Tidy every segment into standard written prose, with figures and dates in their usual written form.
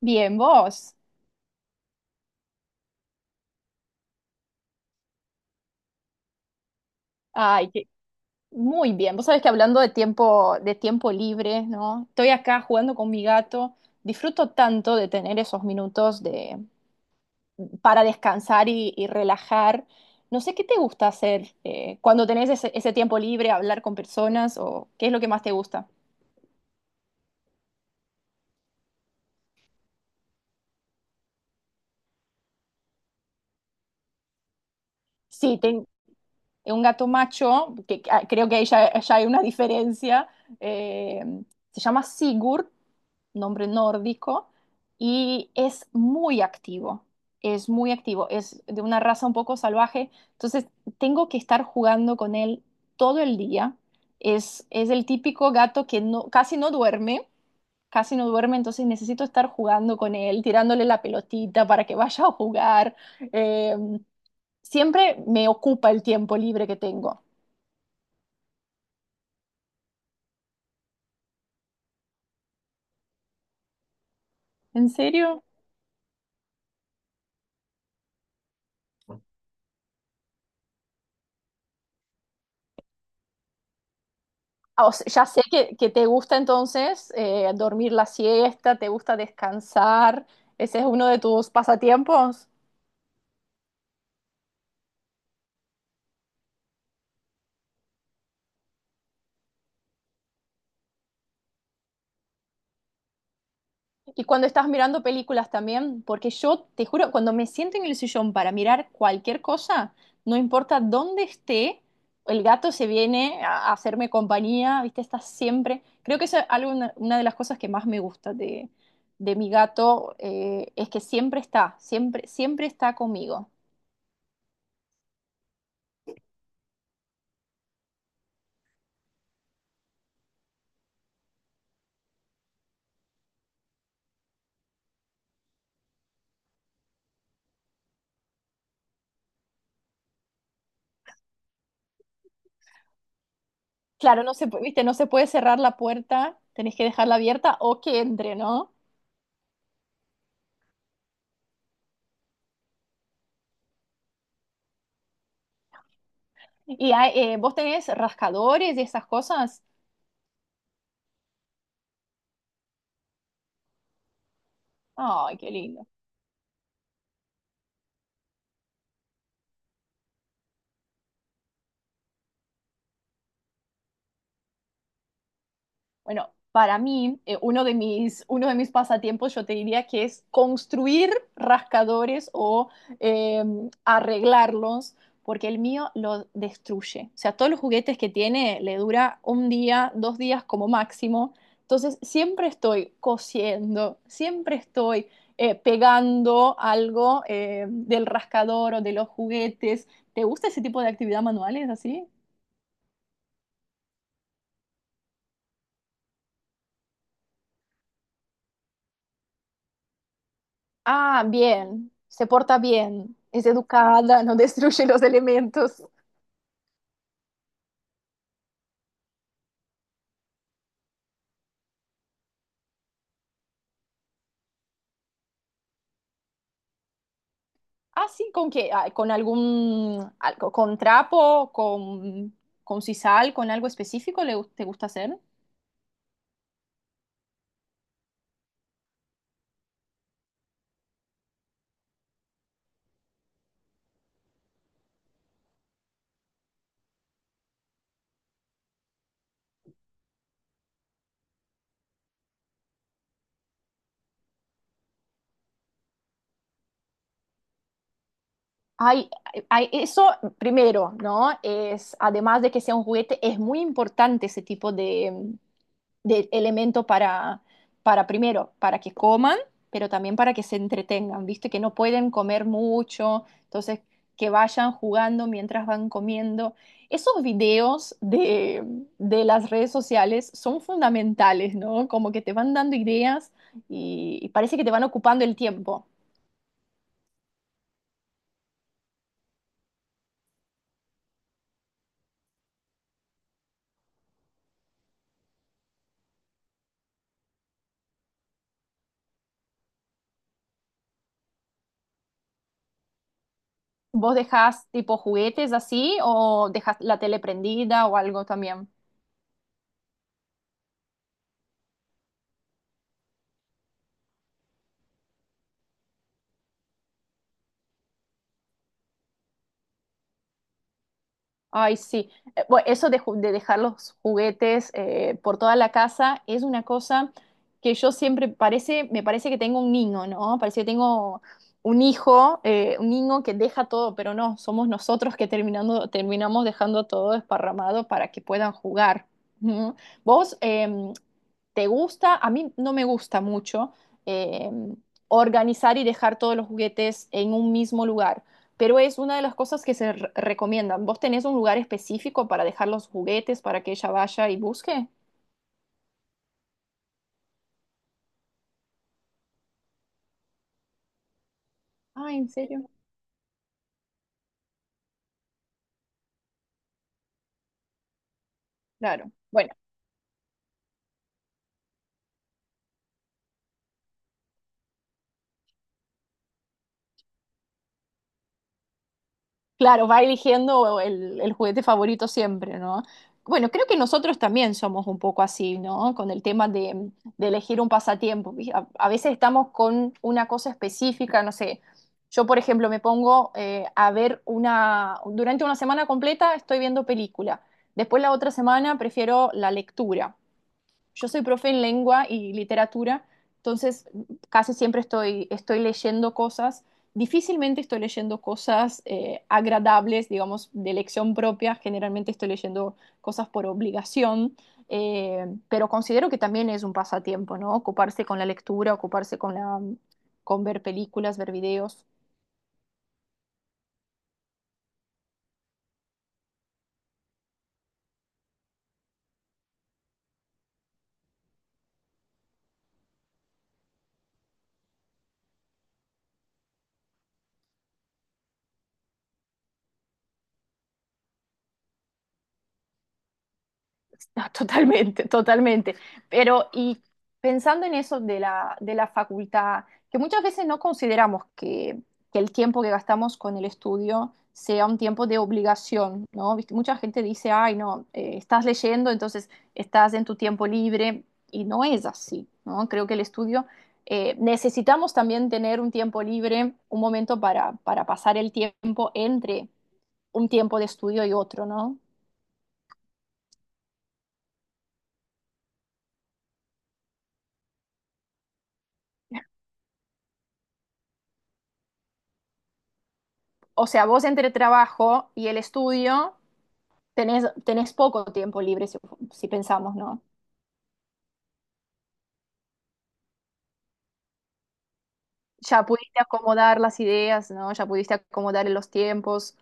Bien, vos. Ay, muy bien. Vos sabés que hablando de tiempo libre, ¿no? Estoy acá jugando con mi gato. Disfruto tanto de tener esos minutos para descansar y relajar. No sé qué te gusta hacer cuando tenés ese tiempo libre, hablar con personas o qué es lo que más te gusta. Sí, tengo un gato macho, ah, creo que ahí ya hay una diferencia. eh, Se llama Sigur, nombre nórdico, y es muy activo, es muy activo, es de una raza un poco salvaje, entonces tengo que estar jugando con él todo el día. Es el típico gato que no, casi no duerme, entonces necesito estar jugando con él, tirándole la pelotita para que vaya a jugar. Eh, Siempre me ocupa el tiempo libre que tengo. ¿En serio? Ah, o sea, ya sé que te gusta entonces dormir la siesta, te gusta descansar, ese es uno de tus pasatiempos. Y cuando estás mirando películas también, porque yo te juro, cuando me siento en el sillón para mirar cualquier cosa, no importa dónde esté, el gato se viene a hacerme compañía, ¿viste? Está siempre. Creo que eso es algo, una de las cosas que más me gusta de mi gato. Es que siempre está, siempre, siempre está conmigo. Claro, viste, no se puede cerrar la puerta, tenés que dejarla abierta o que entre, ¿no? Y hay, vos tenés rascadores y esas cosas. Ay, qué lindo. Bueno, para mí, uno de mis pasatiempos, yo te diría que es construir rascadores o eh, arreglarlos, porque el mío lo destruye. O sea, todos los juguetes que tiene le dura un día, dos días como máximo. Entonces, siempre estoy cosiendo, siempre estoy pegando algo del rascador o de los juguetes. ¿Te gusta ese tipo de actividad manuales así? Ah, bien, se porta bien, es educada, no destruye los elementos. Ah, sí, ¿con qué? Ah, ¿con algún, con trapo, con sisal, con algo específico le, te gusta hacer? Hay, eso primero, ¿no? Además de que sea un juguete, es muy importante ese tipo de elemento para, primero, para que coman, pero también para que se entretengan, ¿viste? Que no pueden comer mucho, entonces que vayan jugando mientras van comiendo. Esos videos de las redes sociales son fundamentales, ¿no? Como que te van dando ideas y parece que te van ocupando el tiempo. ¿Vos dejás tipo juguetes así o dejás la tele prendida o algo también? Ay, sí. Bueno, eso de dejar los juguetes por toda la casa es una cosa que yo siempre parece, me parece que tengo un niño, ¿no? Parece que tengo un hijo, un niño que deja todo, pero no, somos nosotros que terminamos dejando todo desparramado para que puedan jugar. Ujú. ¿Vos te gusta? A mí no me gusta mucho em, organizar y dejar todos los juguetes en un mismo lugar, pero es una de las cosas que se recomiendan. ¿Vos tenés un lugar específico para dejar los juguetes para que ella vaya y busque? Ah, ¿en serio? Claro. Bueno, claro, va eligiendo el juguete favorito siempre, ¿no? Bueno, creo que nosotros también somos un poco así, ¿no? Con el tema de elegir un pasatiempo. ¿Viste? A veces estamos con una cosa específica, no sé. Yo, por ejemplo, me pongo durante una semana completa estoy viendo película. Después la otra semana prefiero la lectura. Yo soy profe en lengua y literatura, entonces casi siempre estoy leyendo cosas. Difícilmente estoy leyendo cosas agradables, digamos, de elección propia. Generalmente estoy leyendo cosas por obligación, pero considero que también es un pasatiempo, ¿no? Ocuparse con la lectura, ocuparse con ver películas, ver videos. No, totalmente, totalmente. Pero y pensando en eso de la facultad, que muchas veces no consideramos que el tiempo que gastamos con el estudio sea un tiempo de obligación, ¿no? Viste, mucha gente dice, ay, no, estás leyendo, entonces estás en tu tiempo libre, y no es así, ¿no? Creo que el estudio, necesitamos también tener un tiempo libre, un momento para pasar el tiempo entre un tiempo de estudio y otro, ¿no? O sea, vos entre el trabajo y el estudio tenés poco tiempo libre, si pensamos, ¿no? Ya pudiste acomodar las ideas, ¿no? Ya pudiste acomodar los tiempos.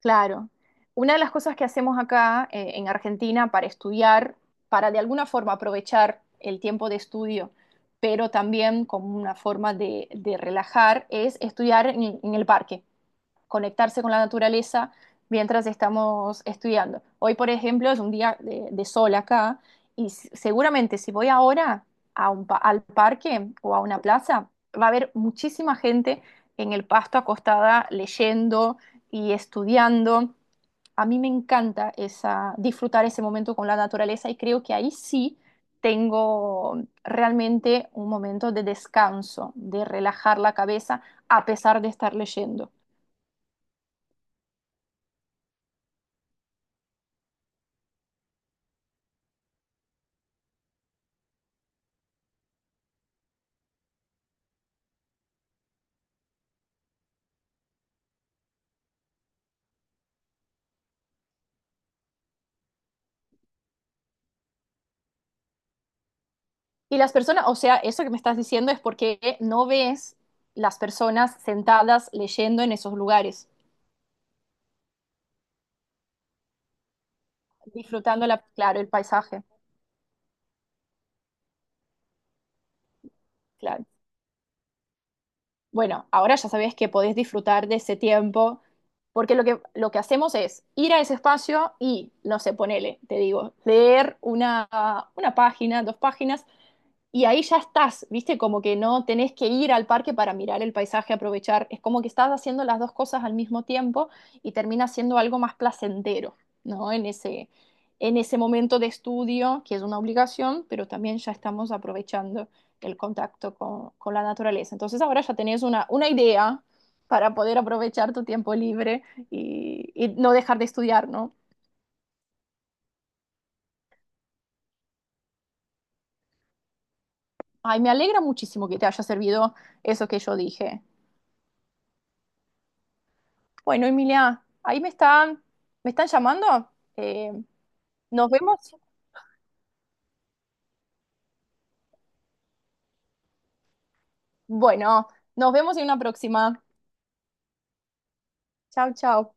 Claro. Una de las cosas que hacemos acá en Argentina para estudiar, para de alguna forma aprovechar el tiempo de estudio, pero también como una forma de relajar, es estudiar en el parque. Conectarse con la naturaleza mientras estamos estudiando. Hoy, por ejemplo, es un día de sol acá, y seguramente si voy ahora al parque o a una plaza, va a haber muchísima gente en el pasto acostada leyendo y estudiando. A mí me encanta esa, disfrutar ese momento con la naturaleza, y creo que ahí sí tengo realmente un momento de descanso, de relajar la cabeza a pesar de estar leyendo. Y las personas, o sea, eso que me estás diciendo es porque no ves las personas sentadas leyendo en esos lugares, disfrutando, claro, el paisaje. Claro. Bueno, ahora ya sabes que podés disfrutar de ese tiempo, porque lo que hacemos es ir a ese espacio y, no sé, ponele, te digo, leer una página, dos páginas, y ahí ya estás, ¿viste? Como que no tenés que ir al parque para mirar el paisaje, aprovechar. Es como que estás haciendo las dos cosas al mismo tiempo, y termina siendo algo más placentero, ¿no? En ese momento de estudio, que es una obligación, pero también ya estamos aprovechando el contacto con la naturaleza. Entonces ahora ya tenés una idea para poder aprovechar tu tiempo libre y no dejar de estudiar, ¿no? Ay, me alegra muchísimo que te haya servido eso que yo dije. Bueno, Emilia, ahí me están llamando. Eh, Nos vemos. Bueno, nos vemos en una próxima. Chao, chao.